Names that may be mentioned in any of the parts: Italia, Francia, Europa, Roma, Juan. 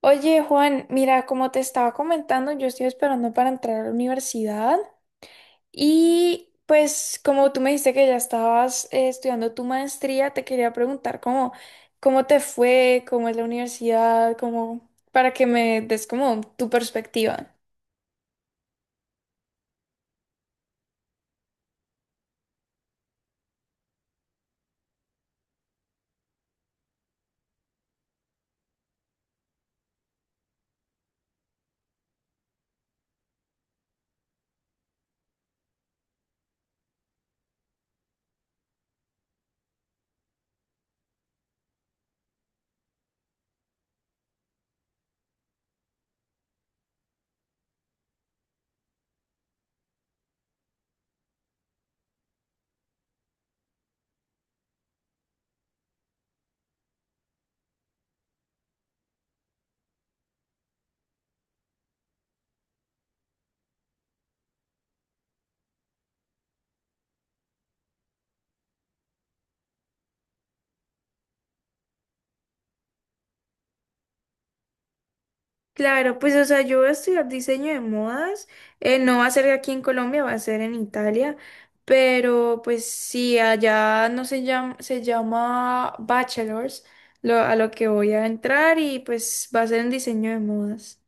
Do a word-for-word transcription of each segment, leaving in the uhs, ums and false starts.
Oye, Juan, mira, como te estaba comentando, yo estoy esperando para entrar a la universidad y pues como tú me dijiste que ya estabas eh, estudiando tu maestría, te quería preguntar cómo, cómo te fue, cómo es la universidad, cómo, para que me des como tu perspectiva. Claro, pues o sea, yo voy a estudiar diseño de modas, eh, no va a ser aquí en Colombia, va a ser en Italia, pero pues sí, allá no se llama, se llama bachelors, lo, a lo que voy a entrar y pues va a ser en diseño de modas.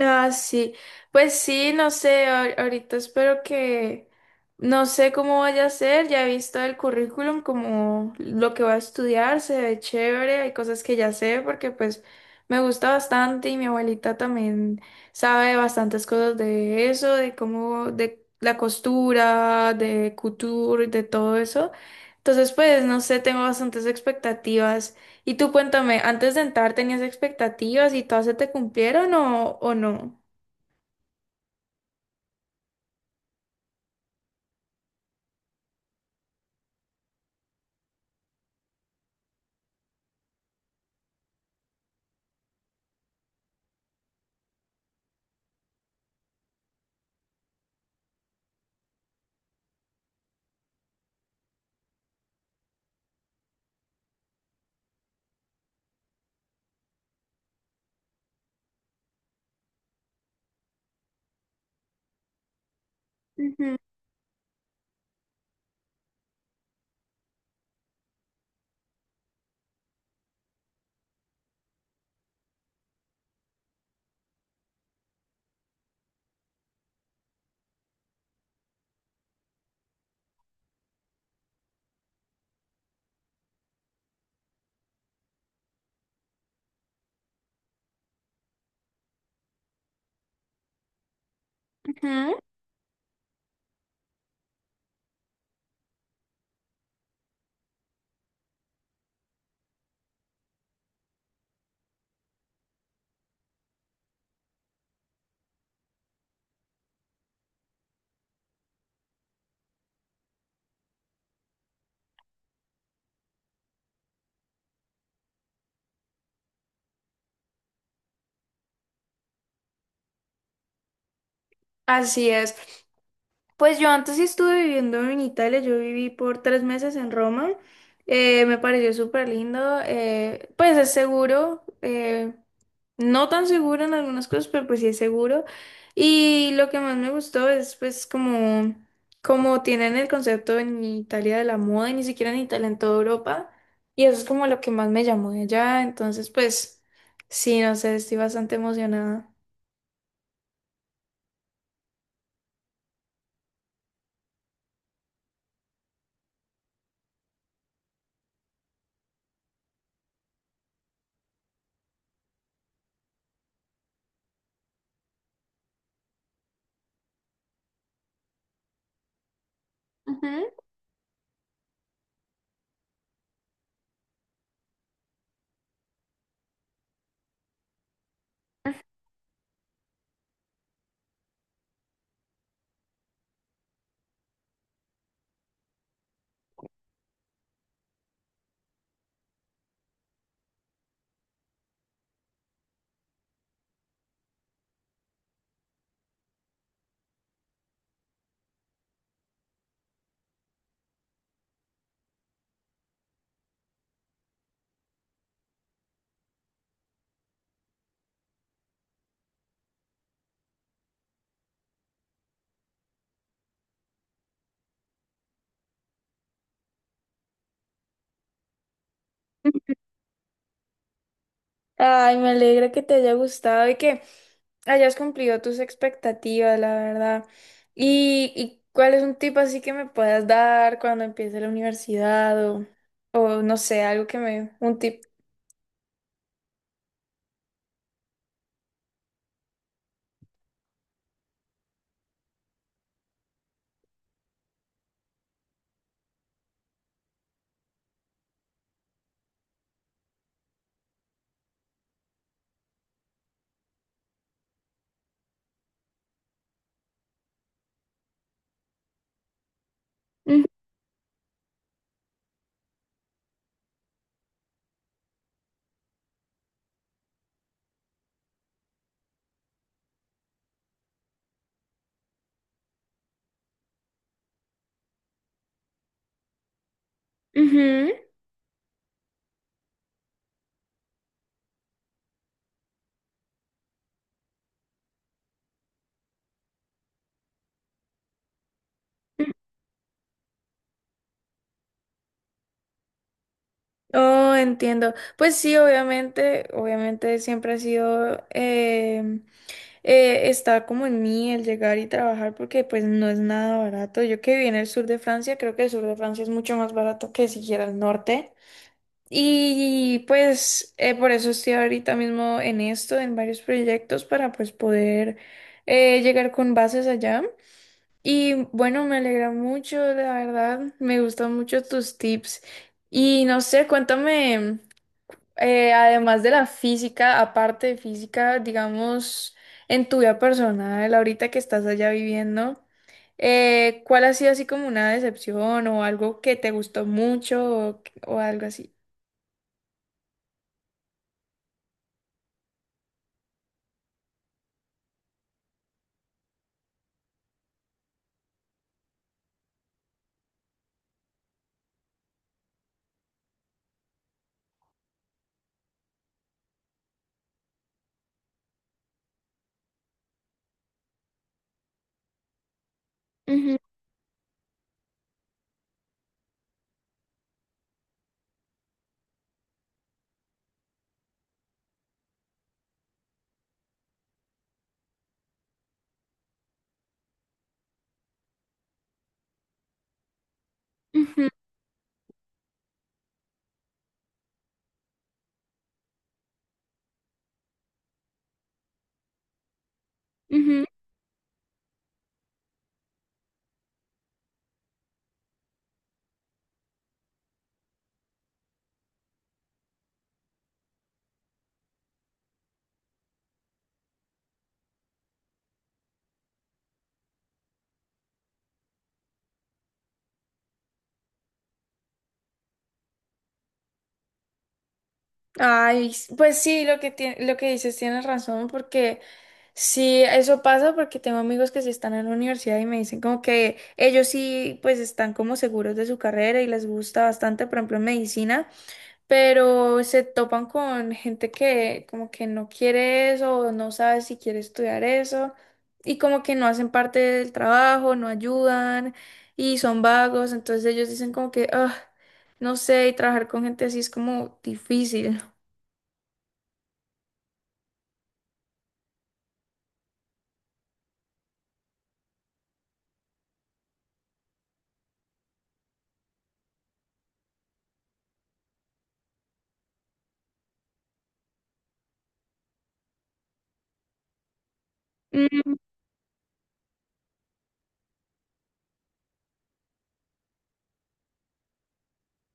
Ah, sí. Pues sí, no sé, ahor- ahorita espero que, no sé cómo vaya a ser, ya he visto el currículum, como lo que va a estudiar, se ve chévere, hay cosas que ya sé porque pues me gusta bastante y mi abuelita también sabe bastantes cosas de eso, de cómo, de la costura, de couture, de todo eso. Entonces, pues, no sé, tengo bastantes expectativas. Y tú cuéntame, ¿antes de entrar tenías expectativas y todas se te cumplieron o, o no? Ujú, ujú. Así es. Pues yo antes sí estuve viviendo en Italia, yo viví por tres meses en Roma. Eh, me pareció súper lindo, eh, pues es seguro, eh, no tan seguro en algunas cosas, pero pues sí es seguro. Y lo que más me gustó es pues como, como tienen el concepto en Italia de la moda y ni siquiera en Italia, en toda Europa. Y eso es como lo que más me llamó de allá. Entonces pues sí, no sé, estoy bastante emocionada. Ujú. Ay, me alegra que te haya gustado y que hayas cumplido tus expectativas, la verdad. ¿Y, y cuál es un tip así que me puedas dar cuando empiece la universidad o, o no sé, algo que me, un tip? Mm, ujú. Oh, entiendo. Pues sí, obviamente, obviamente siempre ha sido, em, eh, está como en mí el llegar y trabajar porque pues no es nada barato. Yo que viví en el sur de Francia, creo que el sur de Francia es mucho más barato que siquiera el norte. Y pues eh, por eso estoy ahorita mismo en esto, en varios proyectos para pues poder eh, llegar con bases allá. Y bueno, me alegra mucho, la verdad, me gustan mucho tus tips. Y no sé, cuéntame, eh, además de la física, aparte de física, digamos, en tu vida personal, ahorita que estás allá viviendo, eh, ¿cuál ha sido así como una decepción o algo que te gustó mucho o o algo así? Ujú, ujú. Ujú. Ay, s- pues sí, lo que tie- lo que dices tienes razón, porque sí, eso pasa porque tengo amigos que sí están en la universidad y me dicen como que ellos sí, pues están como seguros de su carrera y les gusta bastante, por ejemplo, en medicina. Pero se topan con gente que como que no quiere eso o no sabe si quiere estudiar eso y como que no hacen parte del trabajo, no ayudan y son vagos, entonces ellos dicen como que, ah, no sé, y trabajar con gente así es como difícil.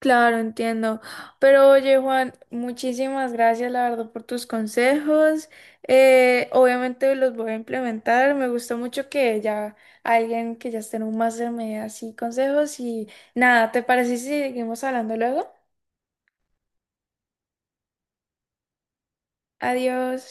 Claro, entiendo. Pero oye, Juan, muchísimas gracias, la verdad, por tus consejos. Eh, obviamente los voy a implementar. Me gustó mucho que ya alguien que ya esté en un máster me dé así consejos. Y nada, ¿te parece si seguimos hablando luego? Adiós.